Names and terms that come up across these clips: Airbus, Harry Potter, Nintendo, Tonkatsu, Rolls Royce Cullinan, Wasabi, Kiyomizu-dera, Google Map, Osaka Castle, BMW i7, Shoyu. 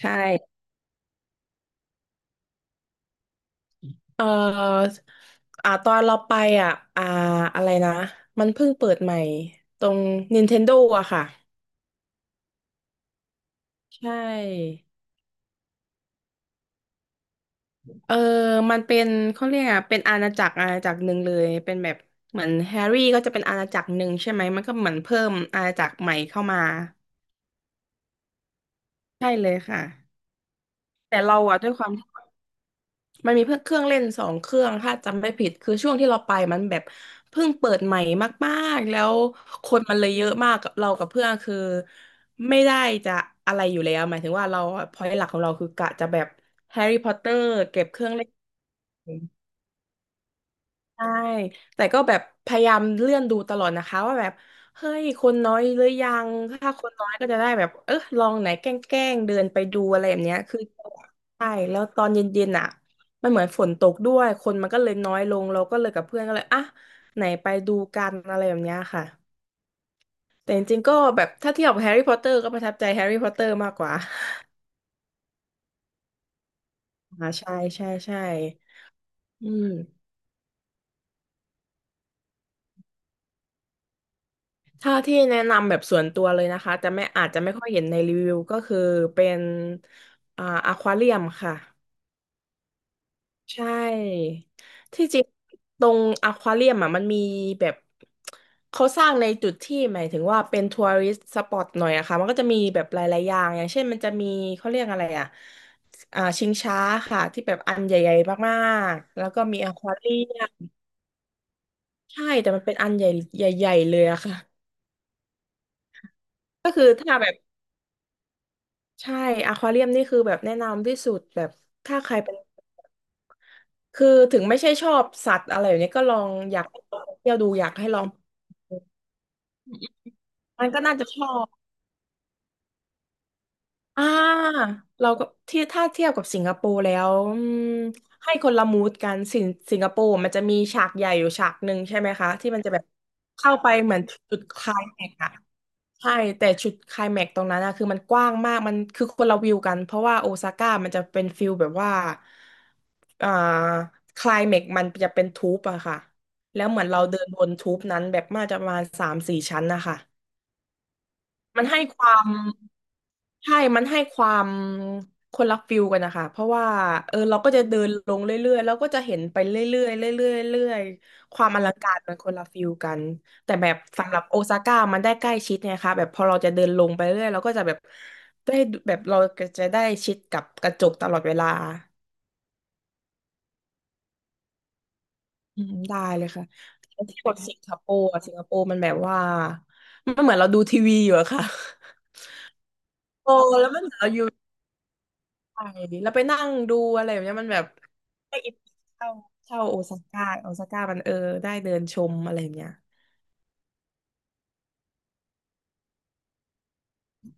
ใช่เอ่อตอนเราไปอ่ะอ่าอะไรนะมันเพิ่งเปิดใหม่ ตรง Nintendo อะค่ะ ใช่เออมันเป็นเขาเรียกอะเป็นอาณาจักรอาณาจักรหนึ่งเลยเป็นแบบเหมือนแฮร์รี่ก็จะเป็นอาณาจักรหนึ่งใช่ไหม มันก็เหมือนเพิ่มอาณาจักรใหม่เข้ามา ใช่เลยค่ะ แต่เราอะด้วยความ มันมีเพื่อเครื่องเล่นสองเครื่องถ้าจำไม่ผิดคือช่วงที่เราไปมันแบบเพิ่งเปิดใหม่มากๆแล้วคนมันเลยเยอะมากกับเรากับเพื่อนคือไม่ได้จะอะไรอยู่แล้วหมายถึงว่าเราพอยหลักของเราคือกะจะแบบแฮร์รี่พอตเตอร์เก็บเครื่องเล่น ใช่แต่ก็แบบพยายามเลื่อนดูตลอดนะคะว่าแบบเฮ้ยคนน้อยหรือยังถ้าคนน้อยก็จะได้แบบเออลองไหนแกล้งๆเดินไปดูอะไรแบบเนี้ยคือใช่แล้วตอนเย็นๆอ่ะมันเหมือนฝนตกด้วยคนมันก็เลยน้อยลงเราก็เลยกับเพื่อนก็เลยไหนไปดูกันอะไรแบบเนี้ยค่ะแต่จริงๆก็แบบถ้าเทียบกับแฮร์รี่พอตเตอร์ก็ประทับใจแฮร์รี่พอตเตอร์มากกว่า ใช่ใช่ใช่อืม ถ้าที่แนะนำแบบส่วนตัวเลยนะคะจะไม่อาจจะไม่ค่อยเห็นในรีวิวก็คือเป็นอควาเรียมค่ะใช่ที่จริงตรงอควาเรียมอ่ะมันมีแบบเขาสร้างในจุดที่หมายถึงว่าเป็นทัวริสต์สปอตหน่อยอะค่ะมันก็จะมีแบบหลายๆอย่างอย่างเช่นมันจะมีเขาเรียกอะไรอ่ะชิงช้าค่ะที่แบบอันใหญ่ๆมากๆแล้วก็มีอควาเรียมใช่แต่มันเป็นอันใหญ่ใหญ่ๆเลยอะค่ะก็คือถ้าแบบ ใช่อควาเรียมนี่คือแบบแนะนำที่สุดแบบถ้าใครเป็นคือถึงไม่ใช่ชอบสัตว์อะไรอย่างนี้ก็ลองอยากให้ลองเที่ยวดูอยากให้ลองมันก็น่าจะชอบอ่าเราก็ที่ถ้าเทียบกับสิงคโปร์แล้วอืมให้คนละมูดกันสิงคโปร์มันจะมีฉากใหญ่อยู่ฉากหนึ่งใช่ไหมคะที่มันจะแบบเข้าไปเหมือนจุดไคลายแม็กซ์อะ ใช่แต่จุดไคลแม็กซ์ตรงนั้นอะคือมันกว้างมากมันคือคนละวิวกันเพราะว่าโอซาก้ามันจะเป็นฟิลแบบว่าอ่าไคลแม็กซ์มันจะเป็นทูปอะค่ะแล้วเหมือนเราเดินบนทูปนั้นแบบมาจะประมาณสามสี่ชั้นนะคะมันให้ความ ใช่ มันให้ความคนละฟิลกันนะคะ เพราะว่าเออเราก็จะเดินลงเรื่อยๆแล้วก็จะเห็นไปเรื่อยๆเรื่อยๆเรื่อยๆความอลังการมันคนละฟิลกันแต่แบบสำหรับโอซาก้ามันได้ใกล้ชิดไงคะแบบพอเราจะเดินลงไปเรื่อยเราก็จะแบบได้แบบเราก็จะได้ชิดกับกระจกตลอดเวลาอืมได้เลยค่ะแต่ที่กดสิงคโปร์อะสิงคโปร์มันแบบว่ามันเหมือนเราดูทีวีอยู่อะค่ะ โอ้แล้วมันเหมือนเราอยู่ ใช่แล้วไปนั่งดูอะไรแบบเนี้ยมันแบบได้อินเข้าเข่าโอซาก้าโอซาก้ามันเออได้เดินชมอะไรแบบเนี้ย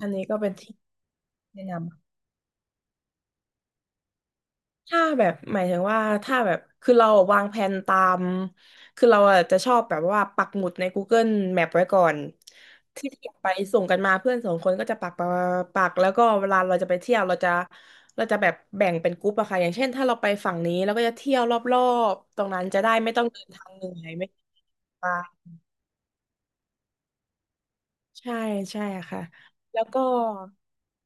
อันนี้ก็เป็นที่แนะนำถ้าแบบหมายถึงว่าถ้าแบบคือเราวางแผนตามคือเราอะจะชอบแบบว่าปักหมุดใน Google Map ไว้ก่อนที่อยากไปส่งกันมาเพื่อนสองคนก็จะปักปักปักแล้วก็เวลาเราจะไปเที่ยวเราเราจะแบบแบ่งเป็นกรุ๊ปอะค่ะอย่างเช่นถ้าเราไปฝั่งนี้เราก็จะเที่ยวรอบๆตรงนั้นจะได้ไม่ต้องเดินทางเหนื่อยไม่ต้อง ใช่ใช่ค่ะแล้วก็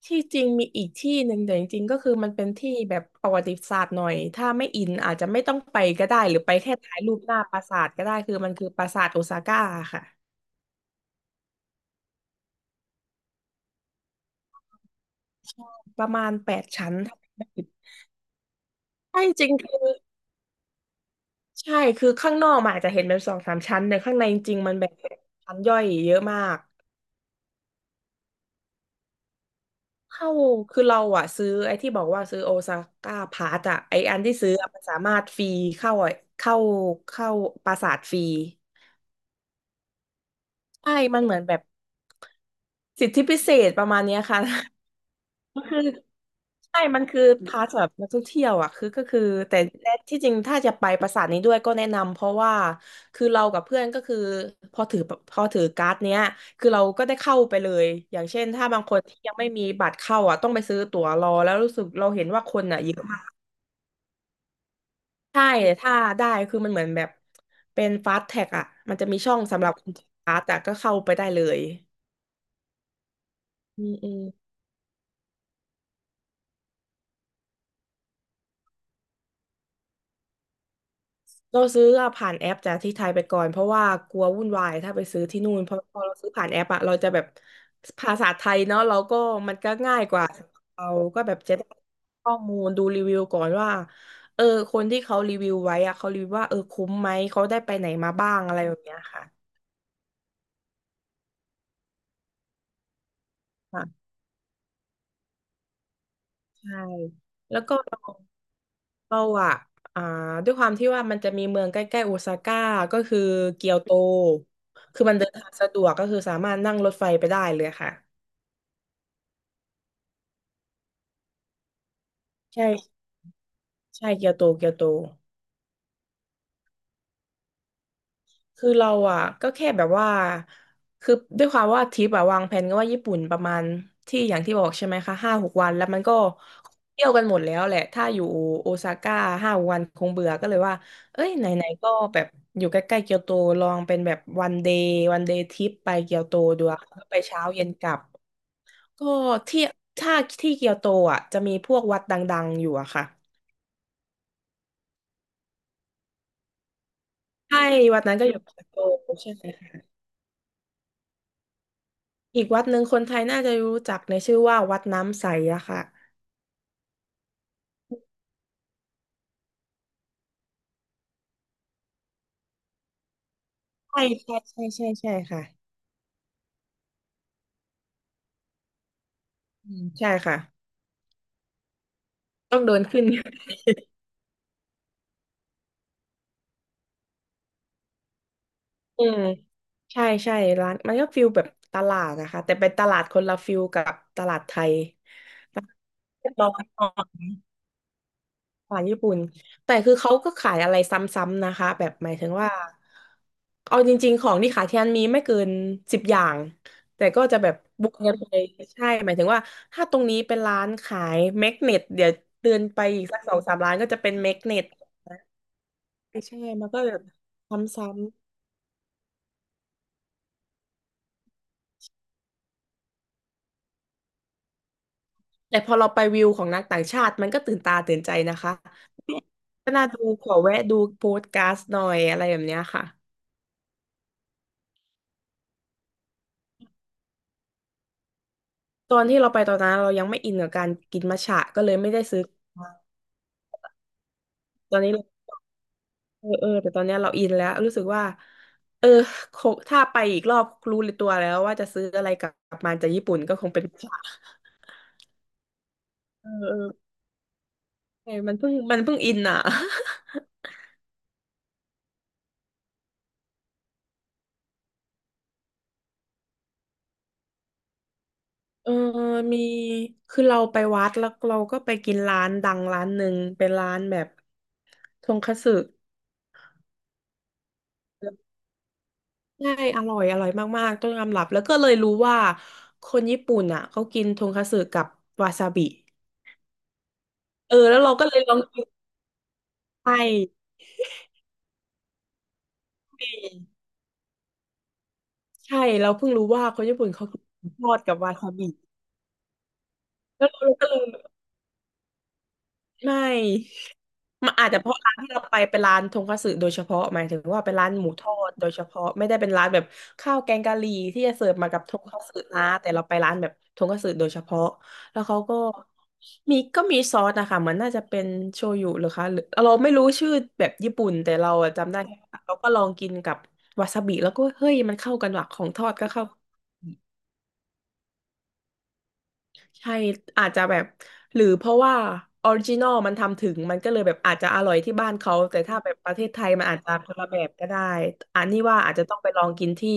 ที่จริงมีอีกที่หนึ่งแต่จริงๆก็คือมันเป็นที่แบบประวัติศาสตร์หน่อยถ้าไม่อินอาจจะไม่ต้องไปก็ได้หรือไปแค่ถ่ายรูปหน้าปราสาทก็ได้คือมันคือปราสาทโอซาก้าค่ะใช่ประมาณแปดชั้นถ้าจำไม่ผิดใช่จริงคือใช่คือข้างนอกมันอาจจะเห็นเป็นสองสามชั้นแต่ข้างในจริงๆมันแบบชั้นย่อยเยอะมาก เข้า คือเราอะซื้อไอ้ที่บอกว่าซื้อโอซาก้าพาสอะไอ้อันที่ซื้ออะมันสามารถฟรีเข้าอะเข้า เข้าปราสาทฟรีใช่มันเหมือนแบบสิทธิพิเศษประมาณเนี้ยค่ะ คือ ใช่มันคือพาสำหรับนักท่องเที่ยวอ่ะคือก็คือแต่ที่จริงถ้าจะไปปราสาทนี้ด้วยก็แนะนำเพราะว่าคือเรากับเพื่อนก็คือพอถือพอถือการ์ดเนี้ยคือเราก็ได้เข้าไปเลยอย่างเช่นถ้าบางคนที่ยังไม่มีบัตรเข้าอ่ะต้องไปซื้อตั๋วรอแล้วรู้สึกเราเห็นว่าคนอ่ะเยอะมากใช่ถ้าได้คือมันเหมือนแบบเป็นฟาสแท็กอ่ะมันจะมีช่องสำหรับคนถือการ์ดแต่ก็เข้าไปได้เลยอืม เราซื้ออะผ่านแอปจากที่ไทยไปก่อนเพราะว่ากลัววุ่นวายถ้าไปซื้อที่นู่นเพราะพอเราซื้อผ่านแอปอะเราจะแบบภาษาไทยเนาะเราก็มันก็ง่ายกว่าเราก็แบบจะได้ข้อมูลดูรีวิวก่อนว่าเออคนที่เขารีวิวไว้อะเขารีวิวว่าเออคุ้มไหมเขาได้ไปไหนมาบ้างอะไรแบบเนี้ยค่ะค่ะใช่แล้วก็เราเราอะอ่าด้วยความที่ว่ามันจะมีเมืองใกล้ๆโอซาก้าก็คือเกียวโตคือมันเดินทางสะดวกก็คือสามารถนั่งรถไฟไปได้เลยค่ะใช่ ใช่เกียวโตเกียวโตคือเราอ่ะก็แค่แบบว่าคือด้วยความว่าทริปอ่ะวางแผนก็ว่าญี่ปุ่นประมาณที่อย่างที่บอกใช่ไหมคะห้าหกวันแล้วมันก็เที่ยวกันหมดแล้วแหละถ้าอยู่โอซาก้าห้าวันคงเบื่อก็เลยว่าเอ้ยไหนๆก็แบบอยู่ใกล้ๆเกียวโตลองเป็นแบบวันเดย์ทริปไปเกียวโตดูอะไปเช้าเย็นกลับก็ที่ถ้าที่เกียวโตอ่ะจะมีพวกวัดดังๆอยู่อะค่ะใช่วัดนั้นก็อยู่เกียวโตใช่ไหม อีกวัดหนึ่งคนไทยน่าจะรู้จักในชื่อว่าวัดน้ำใสอะค่ะใช่ใช่ใช่ใช่ใช่ค่ะอืมใช่ค่ะต้องเดินขึ้น อืมใช่ใช่ร้านมันก็ฟิลแบบตลาดนะคะแต่เป็นตลาดคนละฟิลกับตลาดไทยเรียบร้อย ขายญี่ปุ่นแต่คือเขาก็ขายอะไรซ้ำๆนะคะแบบหมายถึงว่าเอาจริงๆของที่ขายที่นั่นมีไม่เกิน10อย่างแต่ก็จะแบบบวกกันไปใช่หมายถึงว่าถ้าตรงนี้เป็นร้านขายแมกเนตเดี๋ยวเดินไปอีกสักสองสามร้านก็จะเป็นแมกเนตใช่มันก็แบบซ้ำๆแต่พอเราไปวิวของนักต่างชาติมันก็ตื่นตาตื่นใจนะคะก็น่าดูขอแวะดูโพสต์การ์ดหน่อยอะไรแบบเนี้ยค่ะ ตอนที่เราไปตอนนั้นเรายังไม่อินกับการกินมัทฉะก็เลยไม่ได้ซื้อมาตอนนี้เราเออเออแต่ตอนเนี้ยเราอินแล้วรู้สึกว่าเออคงถ้าไปอีกรอบรู้ตัวแล้วว่าจะซื้ออะไรกลับมาจากญี่ปุ่นก็คงเป็นมัทฉะเออเออเออมันเพิ่งอินอ่ะเออมีคือเราไปวัดแล้วเราก็ไปกินร้านดังร้านหนึ่งเป็นร้านแบบทงคัตสึ ใช่อร่อยมากๆต้องยอมรับ แล้วก็เลยรู้ว่าคนญี่ปุ่นอ่ะเขากินทงคัตสึกับวาซาบิเออแล้วเราก็เลยลองกินใช่ ใช่เราเพิ่งรู้ว่าคนญี่ปุ่นเขากินทอดกับวาซาบิแล้วเราก็เลยไม่ มันอาจจะเพราะร้านที่เราไปเป็นร้านทงคัตสึโดยเฉพาะหมายถึงว่าเป็นร้านหมูทอดโดยเฉพาะไม่ได้เป็นร้านแบบข้าวแกงกะหรี่ที่จะเสิร์ฟมากับทงคัตสึนะแต่เราไปร้านแบบทงคัตสึโดยเฉพาะแล้วเขาก็มีก็มีซอสนะคะเหมันน่าจะเป็นโชยุหรือคะหรือเราไม่รู้ชื่อแบบญี่ปุ่นแต่เราอะจำได้เราก็ลองกินกับวาซาบิแล้วก็เฮ้ยมันเข้ากันว่ะของทอดก็เข้า ใช่อาจจะแบบหรือเพราะว่าออริจินอลมันทำถึงมันก็เลยแบบอาจจะอร่อยที่บ้านเขาแต่ถ้าแบบประเทศไทยมันอาจจะคนละแบบก็ได้อันนี้ว่าอาจจะต้องไปลองกินที่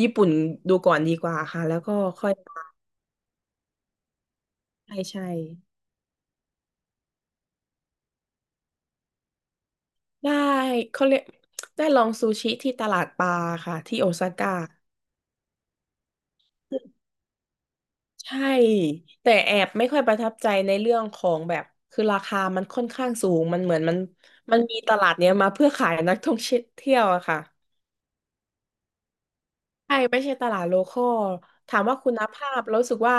ญี่ปุ่นดูก่อนดีกว่าค่ะแล้วก็ค่อยใช่ใช่ได้เขาเรียกได้ลองซูชิที่ตลาดปลาค่ะที่โอซาก้าใช่แต่แอบไม่ค่อยประทับใจในเรื่องของแบบคือราคามันค่อนข้างสูงมันเหมือนมันมีตลาดเนี้ยมาเพื่อขายนักท่องเที่ยวอะค่ะ ใช่ไม่ใช่ตลาดโลคอลถามว่าคุณภาพรู้สึกว่า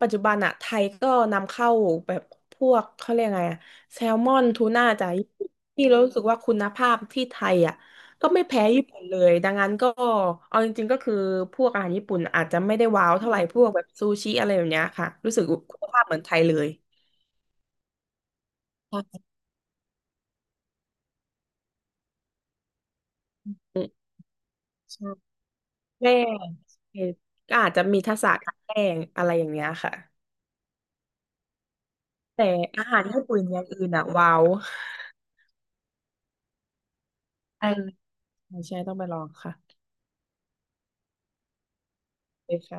ปัจจุบันอะไทยก็นำเข้าแบบพวกเขาเรียกไงอะแซลมอนทูน่าจากญี่ปุ่นที่เรารู้สึกว่าคุณภาพที่ไทยอะก็ไม่แพ้ญี่ปุ่นเลยดังนั้นก็เอาจริงๆก็คือพวกอาหารญี่ปุ่นอาจจะไม่ได้ว้าวเท่าไหร่พวกแบบซูชิอะไรแบบเนี้ยค่ะรู้สึกคุณภาพเหมือนไทยเลยใช่ใช่แป้งก็อาจจะมีทักษะการแป้งอะไรอย่างเงี้ยค่ะแต่อาหารญี่ปุ่นอย่างอื่นอะว้าว ใช่ใช่ต้องไปลองค่ะเลยค่ะ